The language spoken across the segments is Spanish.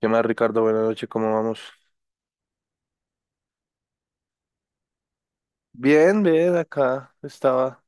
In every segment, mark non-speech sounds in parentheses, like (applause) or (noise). ¿Qué más, Ricardo? Buenas noches, ¿cómo vamos? Bien, bien, acá estaba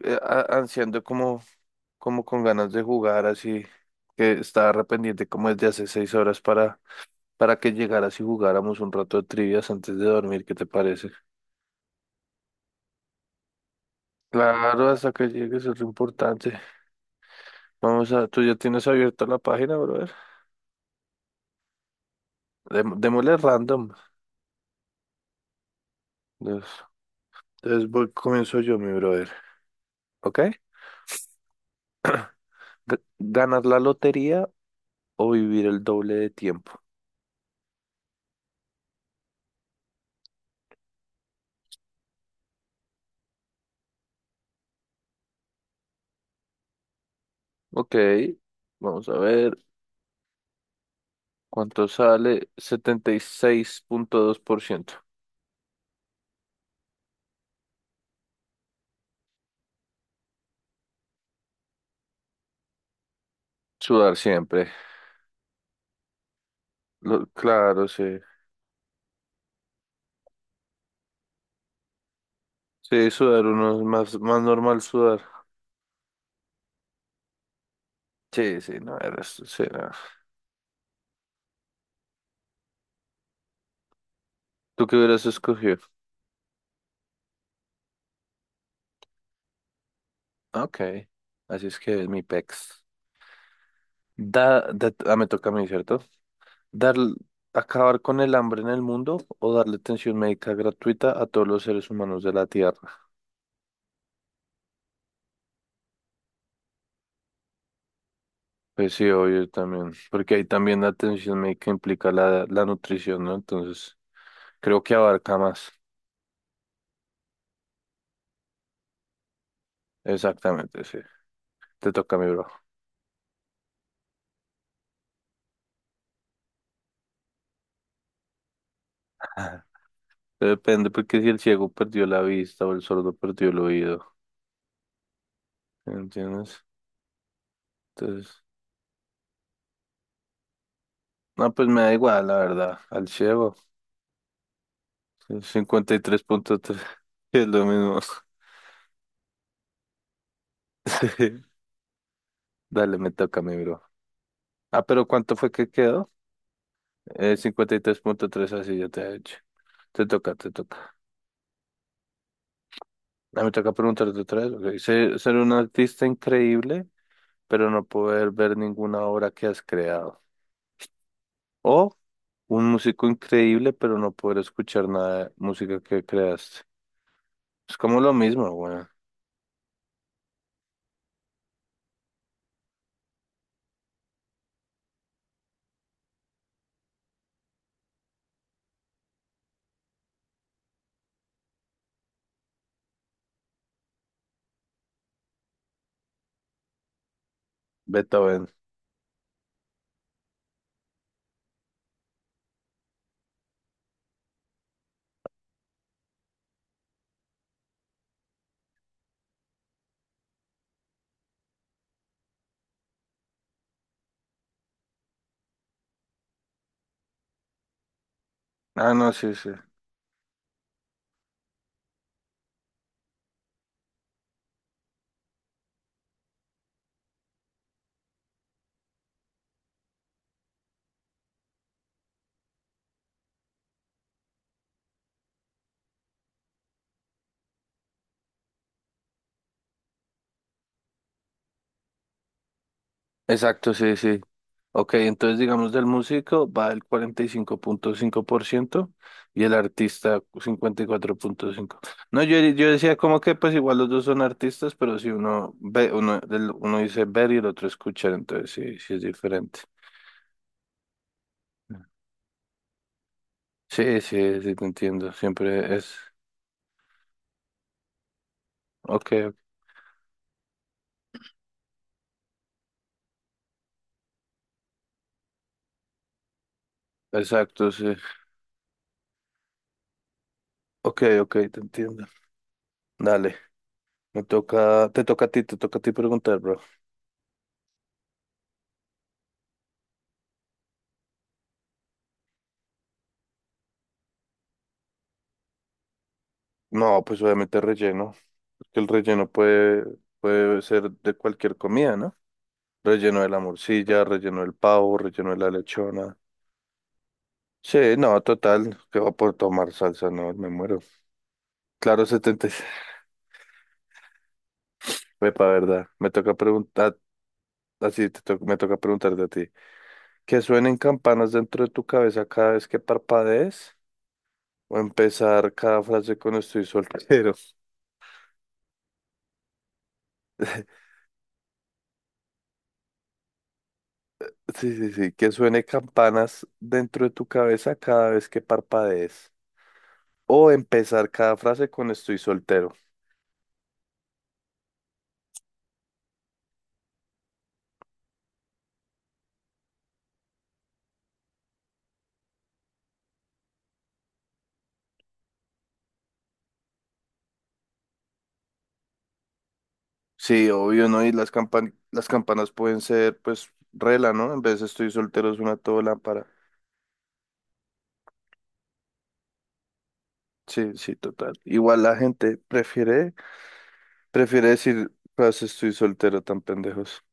ansiando como, como con ganas de jugar, así que estaba arrepentido como desde hace 6 horas para que llegaras y jugáramos un rato de trivias antes de dormir, ¿qué te parece? Claro, hasta que llegues es lo importante. Vamos a, tú ya tienes abierta la página, brother. Démosle random. Entonces, entonces, comienzo yo, mi brother, ¿ok? ¿Ganar la lotería o vivir el doble de tiempo? Ok, vamos a ver cuánto sale. 76.2%. Sudar siempre. Claro, sí. Sí, sudar uno es más, más normal sudar. Sí, sí, no, era, sí, no. ¿Tú qué hubieras escogido? Ok, así es que es mi pex. Me toca a mí, ¿cierto? Dar, acabar con el hambre en el mundo o darle atención médica gratuita a todos los seres humanos de la Tierra. Pues sí, obvio también, porque ahí también la atención médica implica la, la nutrición, ¿no? Entonces, creo que abarca más. Exactamente, sí. Te toca a mi bro. (laughs) Depende, porque si el ciego perdió la vista o el sordo perdió el oído, ¿sí? ¿Me entiendes? Entonces, no, pues me da igual, la verdad, al ciego. 53.3 (laughs) es lo mismo. (laughs) Sí. Dale, me toca a mi bro. Ah, pero ¿cuánto fue que quedó? 53.3, así ya te he hecho. Te toca, te toca. Me toca preguntarte otra vez. Ok. Ser, ser un artista increíble, pero no poder ver ninguna obra que has creado. O un músico increíble, pero no poder escuchar nada de música que creaste. Es como lo mismo, bueno. Beethoven. Ah, no, sí, sí. Exacto, sí, sí. Ok, entonces digamos del músico va el cuarenta y cinco 5.5% y el artista 54.5%. No, yo decía como que pues igual los dos son artistas, pero si uno ve, uno, uno dice ver y el otro escuchar, entonces sí, sí es diferente. Sí, sí, sí, te entiendo. Siempre es. Ok, exacto, sí. Ok, ok, te entiendo. Dale, te toca a ti, te toca a ti preguntar, bro. No, pues obviamente relleno, porque el relleno puede, puede ser de cualquier comida, ¿no? Relleno de la morcilla, relleno del pavo, relleno de la lechona. Sí, no, total, que va por tomar salsa, no, me muero. Claro, 76. (laughs) Epa, verdad. Me toca preguntar, me toca preguntarte a ti. ¿Que suenen campanas dentro de tu cabeza cada vez que parpadees? ¿O empezar cada frase con estoy soltero? (laughs) Sí, sí, sí, que suene campanas dentro de tu cabeza cada vez que parpadees. O empezar cada frase con estoy soltero. Sí, obvio, ¿no? Y las campanas pueden ser, pues, rela, ¿no? En vez de estoy soltero es una todo lámpara. Sí, sí, total. Igual la gente prefiere, prefiere decir frase estoy soltero tan pendejos.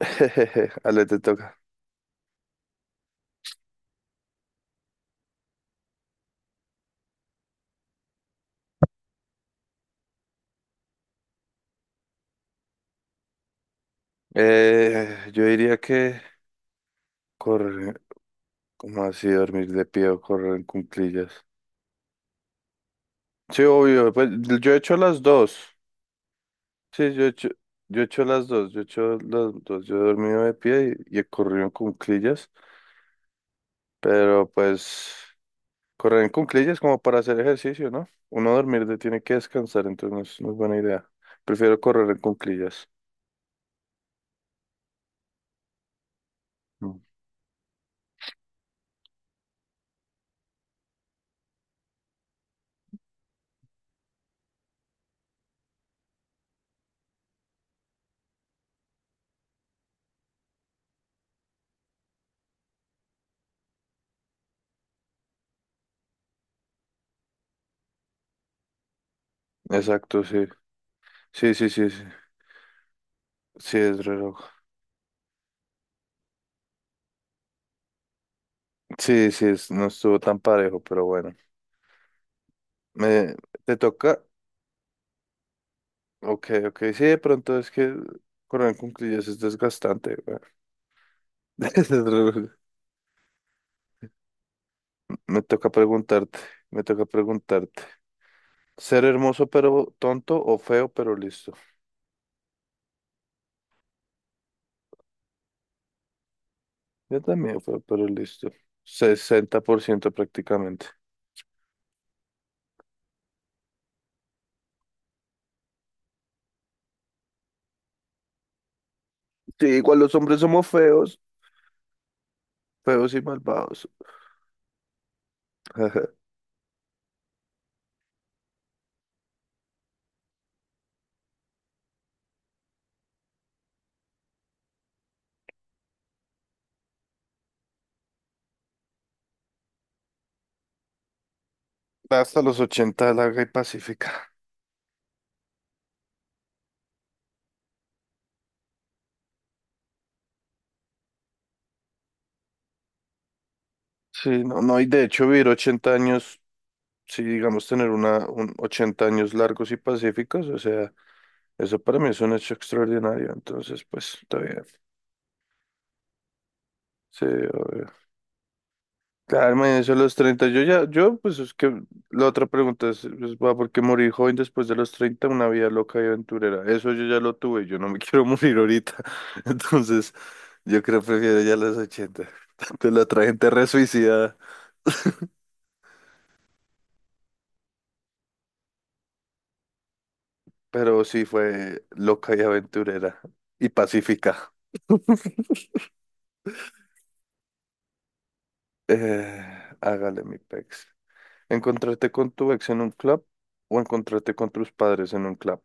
(laughs) Ale, te toca. Yo diría que correr, como así dormir de pie o correr en cuclillas. Sí, obvio. Pues yo he hecho las dos. Sí, yo he hecho las dos. Yo he hecho las dos. Yo he dormido de pie y he corrido en cuclillas. Pero pues correr en cuclillas como para hacer ejercicio, ¿no? Uno tiene que descansar, entonces no es, no es buena idea. Prefiero correr en cuclillas. Mm. Exacto, sí. Sí, sí, sí, sí. Sí, es reloj. Sí, sí, es- no estuvo tan parejo, pero bueno. Me, ¿te toca? Ok, ok. Sí, de pronto es que correr en cuclillas es desgastante, (laughs) me toca preguntarte, me toca preguntarte. ¿Ser hermoso pero tonto o feo pero listo? Yo también feo pero listo. 60% prácticamente. Sí, igual los hombres somos feos, feos y malvados. (laughs) Ajá. Hasta los ochenta larga y pacífica. Sí, no, no, y de hecho vivir 80 años, si digamos tener una, un 80 años largos y pacíficos, o sea, eso para mí es un hecho extraordinario, entonces pues está bien. Sí, obvio. Claro, imagínense a los 30. Yo ya, yo, pues es que la otra pregunta es, pues, va, ¿por qué morir joven después de los 30? Una vida loca y aventurera. Eso yo ya lo tuve, yo no me (laughs) quiero morir ahorita. (laughs) Entonces, yo creo que prefiero ya los 80. (laughs) Tanto la otra gente re suicida, pero sí fue loca y aventurera y pacífica. Eh, Hágale mi pex. ¿Encontrarte con tu ex en un club o encontrarte con tus padres en un club?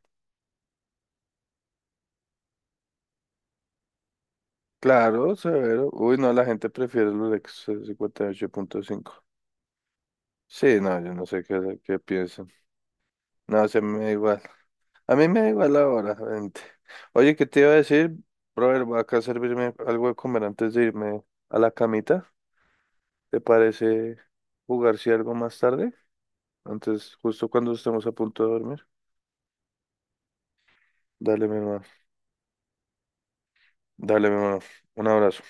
Claro, severo. Uy, no, la gente prefiere los punto cinco. Sí, no, yo no sé qué, qué piensan. No, se me da igual. A mí me da igual ahora, gente. Oye, ¿qué te iba a decir? Brother, voy acá a servirme algo de comer antes de irme a la camita. ¿Te parece jugar si algo más tarde? Antes, justo cuando estemos a punto de dormir. Dale, mi hermano. Dale, mi hermano. Un abrazo.